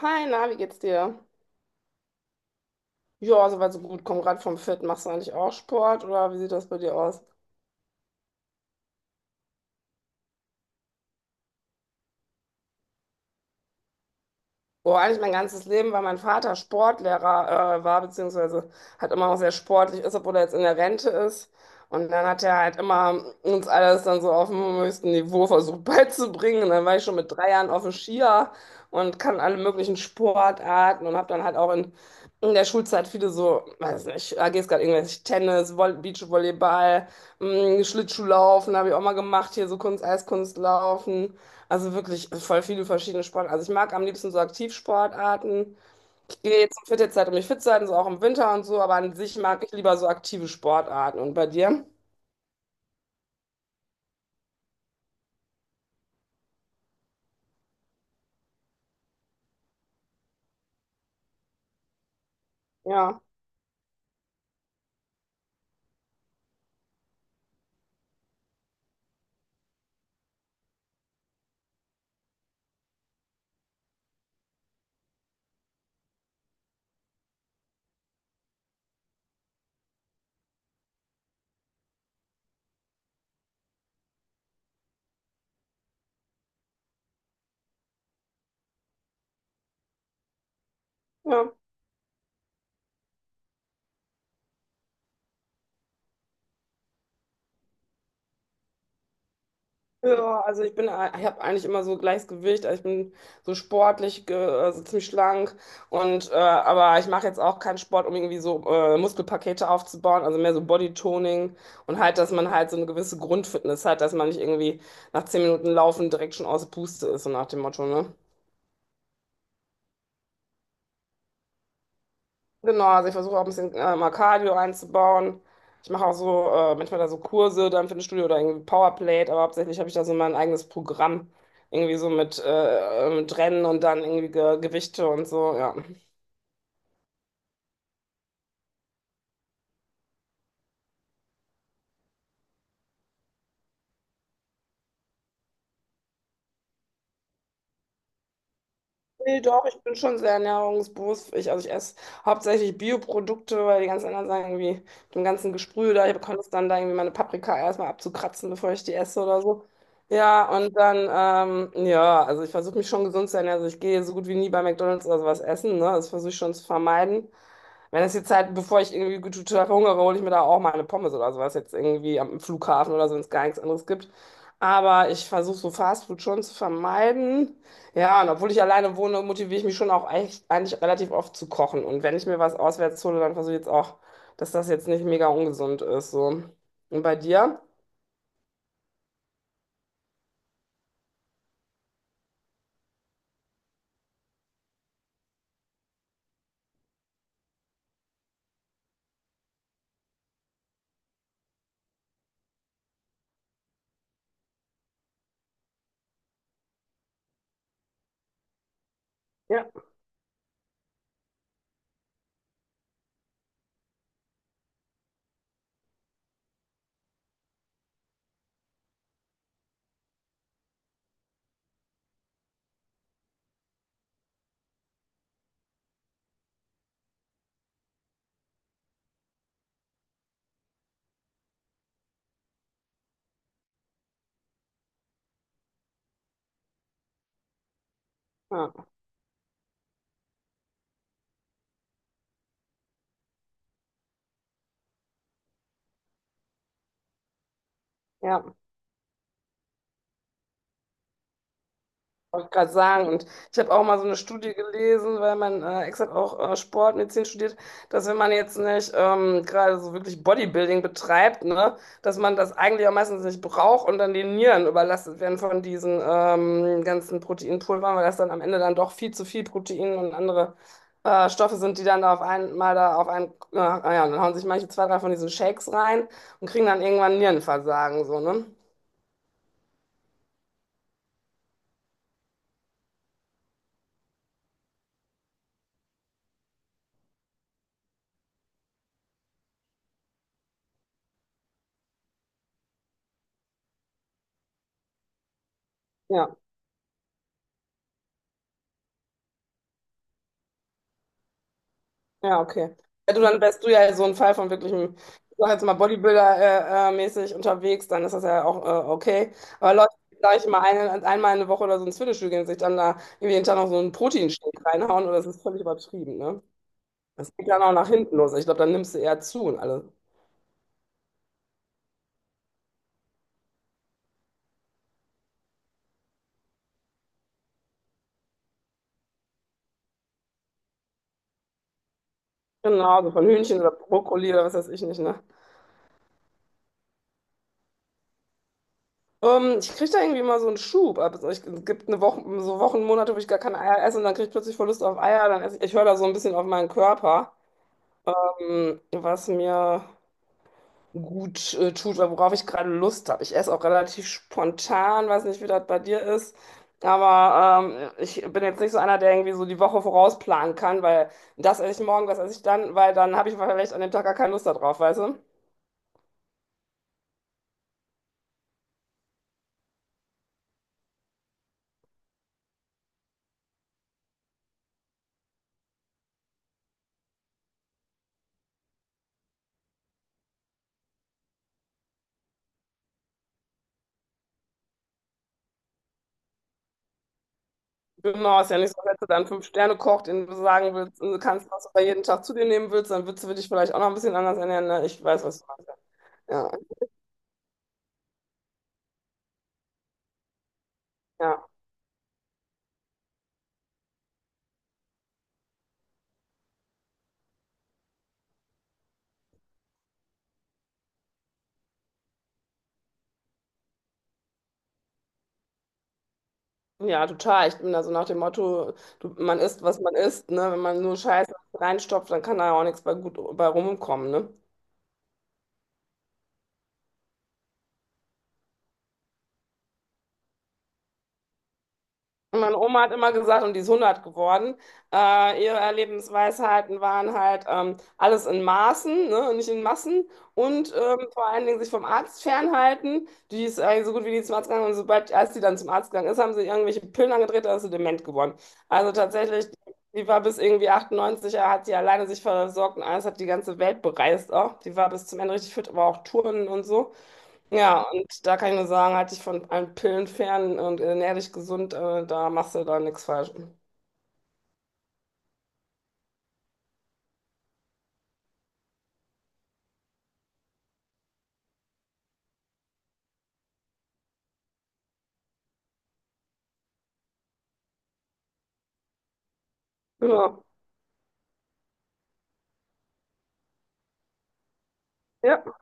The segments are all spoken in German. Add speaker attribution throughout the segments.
Speaker 1: Hi, na, wie geht's dir? Ja, soweit so gut. Komm gerade vom Fit. Machst du eigentlich auch Sport oder wie sieht das bei dir aus? Oh, eigentlich mein ganzes Leben, weil mein Vater Sportlehrer war, beziehungsweise halt immer auch sehr sportlich ist, obwohl er jetzt in der Rente ist. Und dann hat er halt immer uns alles dann so auf dem höchsten Niveau versucht beizubringen. Und dann war ich schon mit 3 Jahren auf dem Skier und kann alle möglichen Sportarten und habe dann halt auch in der Schulzeit viele so, weiß nicht, AG-Skat, irgendwelche Tennis, Voll Beachvolleyball, Schlittschuhlaufen habe ich auch mal gemacht, hier so Kunst, Eiskunstlaufen. Also wirklich voll viele verschiedene Sportarten. Also ich mag am liebsten so Aktivsportarten. Ich gehe jetzt zur Fitnesszeit, um mich fit zu halten, so auch im Winter und so, aber an sich mag ich lieber so aktive Sportarten. Und bei dir? Ja, ja. Ja, also ich bin, ich habe eigentlich immer so gleiches Gewicht, also ich bin so sportlich, ge- also ziemlich schlank und aber ich mache jetzt auch keinen Sport, um irgendwie so Muskelpakete aufzubauen, also mehr so Bodytoning und halt, dass man halt so eine gewisse Grundfitness hat, dass man nicht irgendwie nach 10 Minuten Laufen direkt schon aus der Puste ist, so nach dem Motto, ne? Genau, also ich versuche auch ein bisschen mal Cardio einzubauen. Ich mache auch so manchmal da so Kurse dann für ein Studio oder irgendwie Powerplate, aber hauptsächlich habe ich da so mein eigenes Programm. Irgendwie so mit Rennen und dann irgendwie Ge Gewichte und so, ja. Nee, doch, ich bin schon sehr ernährungsbewusst. Ich, also ich esse hauptsächlich Bioprodukte, weil die ganzen anderen sagen irgendwie, dem ganzen Gesprühe da, ich bekomme es dann da irgendwie meine Paprika erstmal abzukratzen, bevor ich die esse oder so. Ja, und dann, ja, also ich versuche mich schon gesund zu ernähren. Also ich gehe so gut wie nie bei McDonald's oder sowas essen, ne? Das versuche ich schon zu vermeiden. Wenn es die Zeit, bevor ich irgendwie gut total verhungere, hole ich mir da auch mal eine Pommes oder sowas jetzt irgendwie am Flughafen oder so, wenn es gar nichts anderes gibt. Aber ich versuche so Fastfood schon zu vermeiden. Ja, und obwohl ich alleine wohne, motiviere ich mich schon auch echt, eigentlich relativ oft zu kochen. Und wenn ich mir was auswärts hole, dann versuche ich jetzt auch, dass das jetzt nicht mega ungesund ist. So. Und bei dir? Ja. Ja, ja. Wollte ich gerade sagen. Und ich habe auch mal so eine Studie gelesen, weil mein Ex hat auch Sportmedizin studiert, dass wenn man jetzt nicht gerade so wirklich Bodybuilding betreibt, ne, dass man das eigentlich auch meistens nicht braucht und dann die Nieren überlastet werden von diesen ganzen Proteinpulvern, weil das dann am Ende dann doch viel zu viel Protein und andere Stoffe sind, die dann da auf einmal da auf einen, ja, und dann hauen sich manche zwei, drei von diesen Shakes rein und kriegen dann irgendwann Nierenversagen, so, ne? Ja. Ja, okay. Ja, du, dann wärst du ja so ein Fall von wirklichem, ich sag jetzt mal Bodybuilder-mäßig unterwegs, dann ist das ja auch okay. Aber Leute, die gleich mal eine, einmal in der Woche oder so ins Fitnessstudio gehen, und sich dann da irgendwie jeden Tag noch so einen Proteinshake reinhauen, oder das ist völlig übertrieben, ne? Das geht dann auch nach hinten los. Ich glaube, dann nimmst du eher zu und alles. Genau, so von Hühnchen oder Brokkoli oder was weiß ich nicht, ne? Ich kriege da irgendwie immer so einen Schub. Ab. Also ich, es gibt eine Woche, so Wochen, Monate, wo ich gar keine Eier esse und dann kriege ich plötzlich voll Lust auf Eier. Dann esse ich, ich höre da so ein bisschen auf meinen Körper. Was mir gut tut oder worauf ich gerade Lust habe. Ich esse auch relativ spontan, weiß nicht, wie das bei dir ist. Aber ich bin jetzt nicht so einer, der irgendwie so die Woche vorausplanen kann, weil das esse ich morgen, das esse ich dann, weil dann habe ich vielleicht an dem Tag gar keine Lust darauf, weißt du? Genau, ist ja nicht so, dass du dann fünf Sterne kochst, den du sagen willst, du kannst, was du bei jeden Tag zu dir nehmen willst, dann würdest du dich vielleicht auch noch ein bisschen anders ernähren. Ne? Ich weiß, was du meinst. Ja, ja. Ja, total. Ich bin da so nach dem Motto, du, man isst, was man isst, ne? Wenn man nur Scheiße reinstopft, dann kann da ja auch nichts bei gut bei rumkommen, ne? Und meine Oma hat immer gesagt, und die ist 100 geworden, ihre Lebensweisheiten waren halt alles in Maßen, ne, und nicht in Massen und vor allen Dingen sich vom Arzt fernhalten. Die ist eigentlich so gut wie nie zum Arzt gegangen und sobald, als die dann zum Arzt gegangen ist, haben sie irgendwelche Pillen angedreht, da ist sie dement geworden. Also tatsächlich, die war bis irgendwie 98, er hat sie alleine sich versorgt und alles hat die ganze Welt bereist auch. Die war bis zum Ende richtig fit, aber auch Touren und so. Ja, und da kann ich nur sagen, halt dich von allen Pillen fern und ernähr dich gesund, da machst du da nichts falsch. Genau. Ja.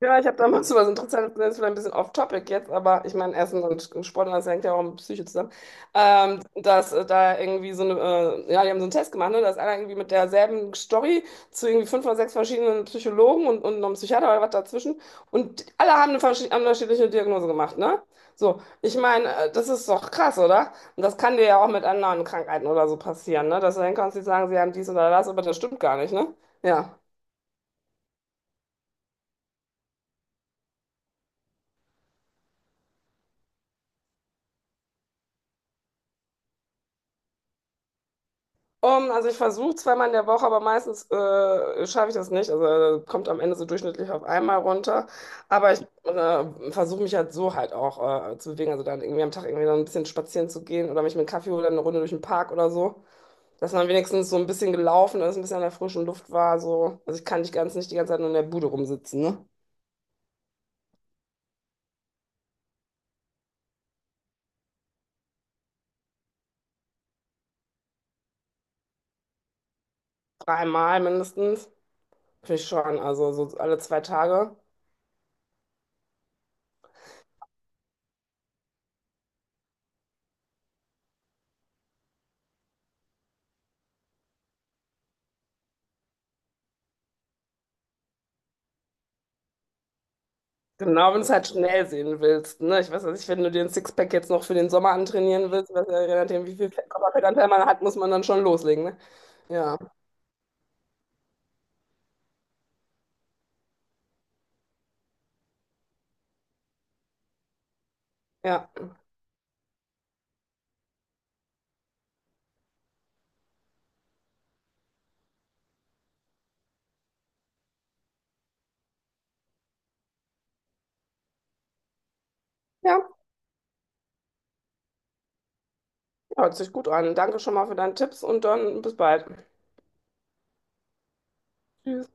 Speaker 1: Ja, ich habe damals so was Interessantes gesehen, ist vielleicht ein bisschen off-topic jetzt, aber ich meine, Essen und Sport, das hängt ja auch mit Psyche zusammen, dass da irgendwie so eine, ja, die haben so einen Test gemacht, ne, dass einer irgendwie mit derselben Story zu irgendwie fünf oder sechs verschiedenen Psychologen und noch einem Psychiater oder was dazwischen und alle haben eine unterschiedliche Diagnose gemacht, ne? So, ich meine, das ist doch krass, oder? Und das kann dir ja auch mit anderen Krankheiten oder so passieren, ne? Dass du dann kannst, die sagen, sie haben dies oder das, aber das stimmt gar nicht, ne? Ja. Also ich versuche zweimal in der Woche, aber meistens schaffe ich das nicht. Also kommt am Ende so durchschnittlich auf einmal runter. Aber ich versuche mich halt so halt auch zu bewegen. Also dann irgendwie am Tag irgendwie dann ein bisschen spazieren zu gehen oder mich mit einem Kaffee oder eine Runde durch den Park oder so. Dass man wenigstens so ein bisschen gelaufen ist, ein bisschen an der frischen Luft war. So. Also ich kann nicht ganz nicht die ganze Zeit nur in der Bude rumsitzen, ne? Dreimal mindestens. Finde ich schon. Also so alle zwei Tage. Genau, wenn du es halt schnell sehen willst. Ne? Ich weiß ja nicht, wenn du den Sixpack jetzt noch für den Sommer antrainieren willst, was ja, je nachdem, wie viel Fett- Körperfettanteil man hat, muss man dann schon loslegen. Ne? Ja, ja, ja, hört sich gut an. Danke schon mal für deine Tipps und dann bis bald. Tschüss.